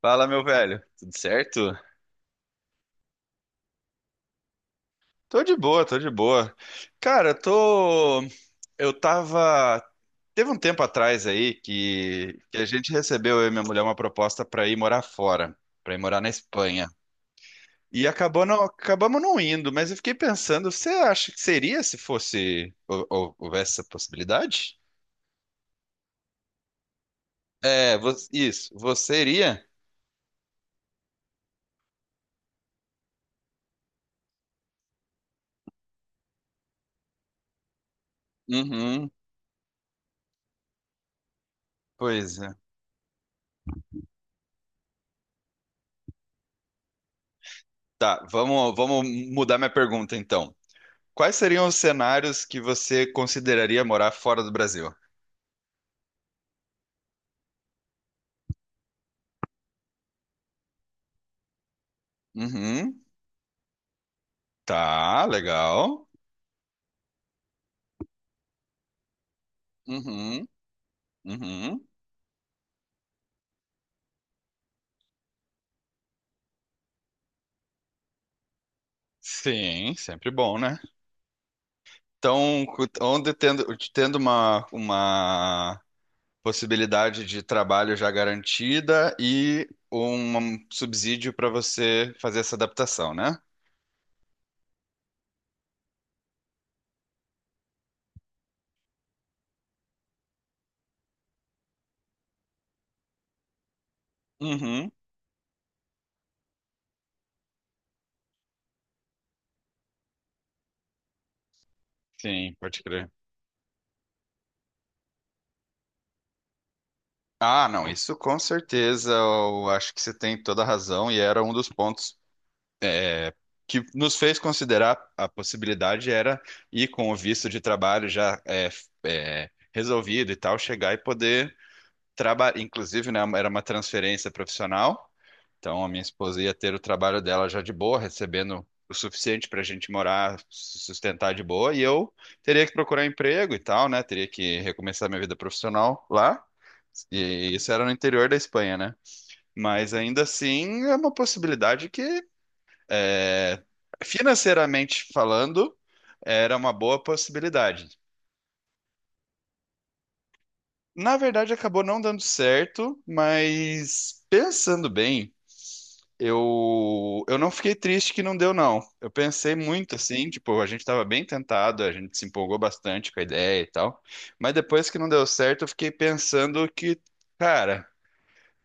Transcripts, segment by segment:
Fala, meu velho. Tudo certo? Tô de boa, tô de boa. Cara, eu tô. Eu tava. Teve um tempo atrás aí que a gente recebeu, eu e minha mulher, uma proposta pra ir morar fora, pra ir morar na Espanha. E acabou não... Acabamos não indo, mas eu fiquei pensando, você acha que seria se fosse. Houvesse essa possibilidade? É, isso. Você iria? Uhum, pois é. Tá, vamos mudar minha pergunta então. Quais seriam os cenários que você consideraria morar fora do Brasil? Uhum. Tá, legal. Uhum. Uhum. Sim, sempre bom, né? Então, onde tendo uma possibilidade de trabalho já garantida e um subsídio para você fazer essa adaptação, né? Uhum. Sim, pode crer. Ah, não, isso com certeza, eu acho que você tem toda a razão e era um dos pontos que nos fez considerar a possibilidade era ir com o visto de trabalho já resolvido e tal, chegar e poder trabalhar. Inclusive, né, era uma transferência profissional, então a minha esposa ia ter o trabalho dela já de boa, recebendo o suficiente para a gente morar, se sustentar de boa, e eu teria que procurar emprego e tal, né? Teria que recomeçar minha vida profissional lá. E isso era no interior da Espanha, né? Mas ainda assim é uma possibilidade que é, financeiramente falando, era uma boa possibilidade. Na verdade, acabou não dando certo, mas pensando bem, eu não fiquei triste que não deu, não. Eu pensei muito assim, tipo, a gente estava bem tentado, a gente se empolgou bastante com a ideia e tal, mas depois que não deu certo, eu fiquei pensando que, cara.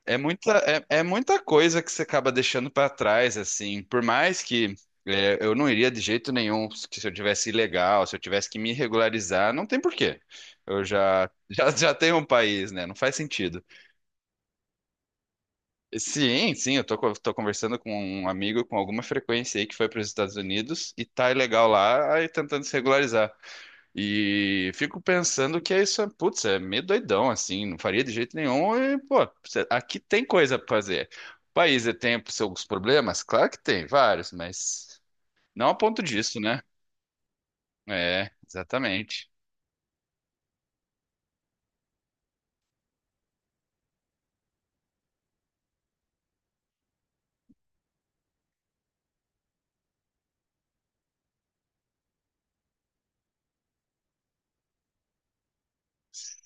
É muita, é muita coisa que você acaba deixando para trás, assim. Por mais que é, eu não iria de jeito nenhum que se eu tivesse ilegal, se eu tivesse que me regularizar, não tem porquê. Eu já, já tenho um país, né? Não faz sentido. Sim, sim, tô conversando com um amigo com alguma frequência aí que foi para os Estados Unidos e tá ilegal lá, aí tentando se regularizar. E fico pensando que é isso, putz, é meio doidão, assim, não faria de jeito nenhum. E, pô, aqui tem coisa pra fazer. O país tem seus problemas? Claro que tem, vários, mas não a ponto disso, né? É, exatamente.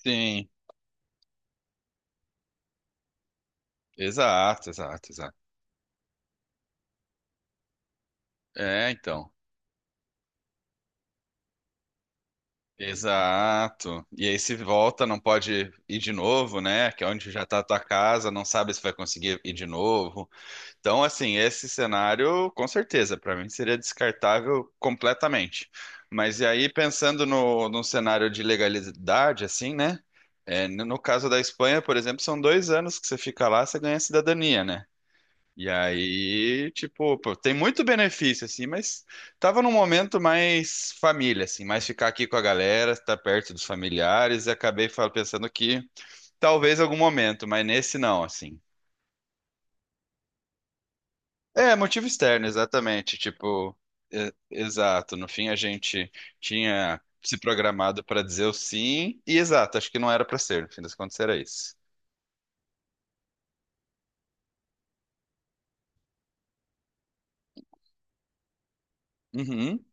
Sim, exato, exato, exato. É, então. Exato. E aí se volta, não pode ir de novo, né? Que é onde já tá a tua casa, não sabe se vai conseguir ir de novo. Então, assim, esse cenário, com certeza, para mim seria descartável completamente. Mas e aí, pensando no cenário de legalidade, assim, né? É, no caso da Espanha, por exemplo, são 2 anos que você fica lá, você ganha cidadania, né? E aí, tipo, pô, tem muito benefício, assim, mas tava num momento mais família, assim, mais ficar aqui com a galera, estar perto dos familiares, e acabei pensando que talvez algum momento, mas nesse não, assim. É, motivo externo, exatamente. Tipo, exato. No fim, a gente tinha se programado para dizer o sim, e exato, acho que não era para ser. No fim das contas, era isso. Uhum,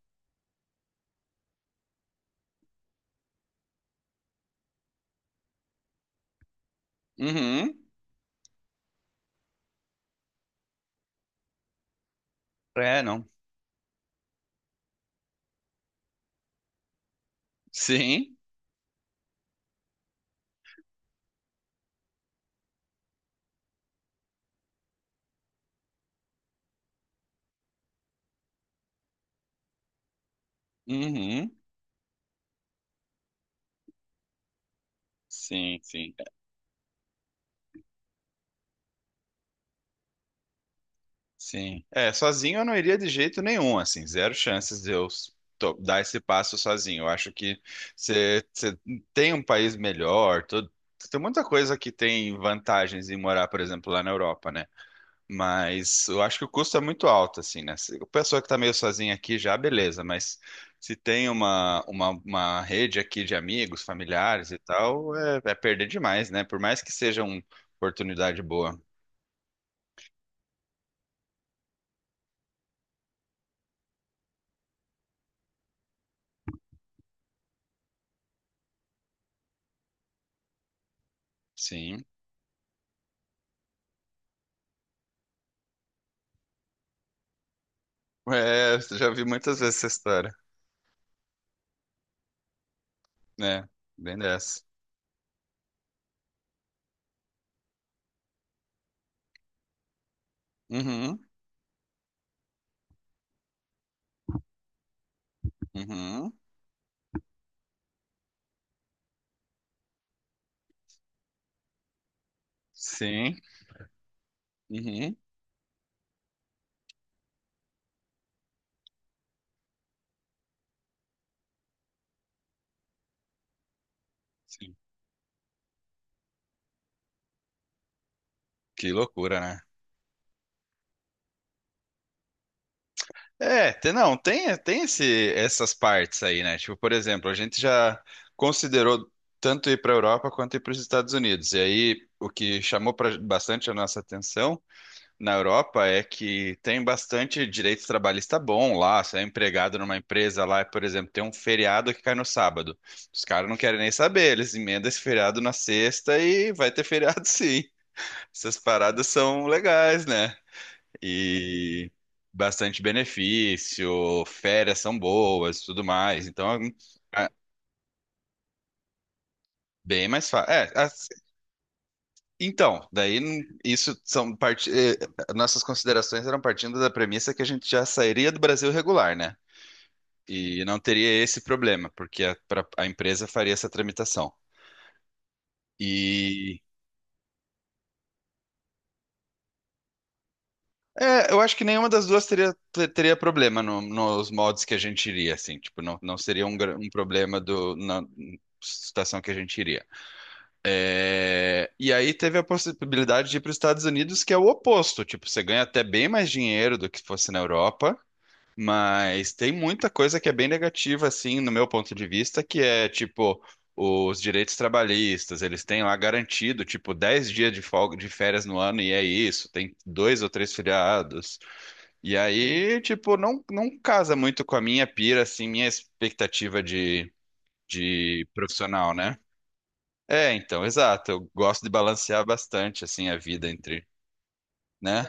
uhum. É, não. Sim, uhum. Sim, sim. É, sozinho eu não iria de jeito nenhum, assim, zero chances de dar esse passo sozinho. Eu acho que você tem um país melhor, tudo. Tem muita coisa que tem vantagens em morar, por exemplo, lá na Europa, né? Mas eu acho que o custo é muito alto, assim, né? Se a pessoa que tá meio sozinha aqui já, beleza, mas se tem uma, uma rede aqui de amigos, familiares e tal, é perder demais, né? Por mais que seja uma oportunidade boa. Sim. É, já vi muitas vezes essa história, né? Bem dessa. Uhum, uhum, sim, uhum, sim. Que loucura, né? É, não, tem esse, essas partes aí, né? Tipo, por exemplo, a gente já considerou tanto ir para a Europa quanto ir para os Estados Unidos. E aí, o que chamou bastante a nossa atenção na Europa é que tem bastante direito trabalhista bom lá. Você é empregado numa empresa lá, por exemplo, tem um feriado que cai no sábado. Os caras não querem nem saber, eles emendam esse feriado na sexta e vai ter feriado sim. Essas paradas são legais, né? E bastante benefício, férias são boas, e tudo mais. Então, é bem mais fácil. É, então, daí não- isso são parte, nossas considerações eram partindo da premissa que a gente já sairia do Brasil regular, né? E não teria esse problema, porque a empresa faria essa tramitação. E é, eu acho que nenhuma das duas teria, teria problema nos modos que a gente iria, assim, tipo, não, não seria um, um problema do, na situação que a gente iria. É, e aí teve a possibilidade de ir para os Estados Unidos, que é o oposto. Tipo, você ganha até bem mais dinheiro do que fosse na Europa, mas tem muita coisa que é bem negativa, assim, no meu ponto de vista, que é tipo os direitos trabalhistas, eles têm lá garantido, tipo, 10 dias de folga de férias no ano, e é isso, tem dois ou três feriados. E aí, tipo, não, não casa muito com a minha pira, assim, minha expectativa de profissional, né? É, então, exato. Eu gosto de balancear bastante, assim, a vida entre, né?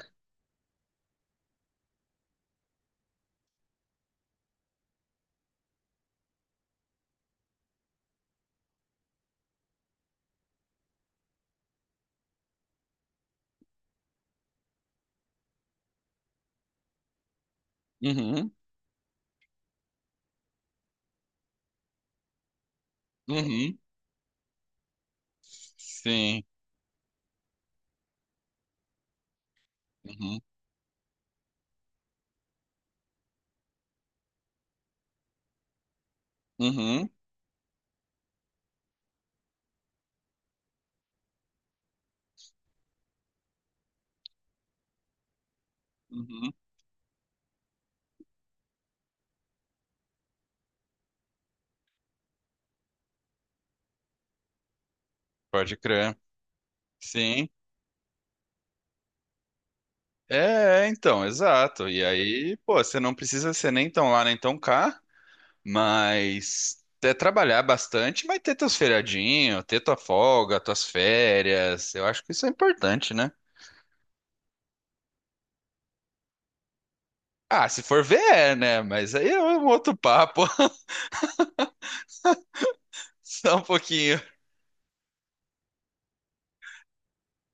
Uhum, uhum, sim, uhum, uhum, uhum. Pode crer. Sim. É, é, então, exato. E aí, pô, você não precisa ser nem tão lá, nem tão cá, mas é trabalhar bastante, mas ter teus feriadinhos, ter tua folga, tuas férias. Eu acho que isso é importante, né? Ah, se for ver, é, né? Mas aí é um outro papo. Só um pouquinho.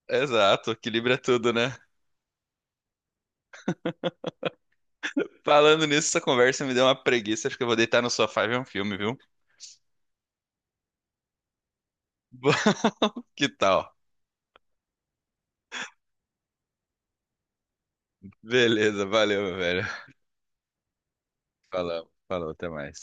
Exato, equilibra tudo, né? Falando nisso, essa conversa me deu uma preguiça. Acho que eu vou deitar no sofá e ver um filme, viu? Que tal? Beleza, valeu, meu velho. Falou, falou, até mais.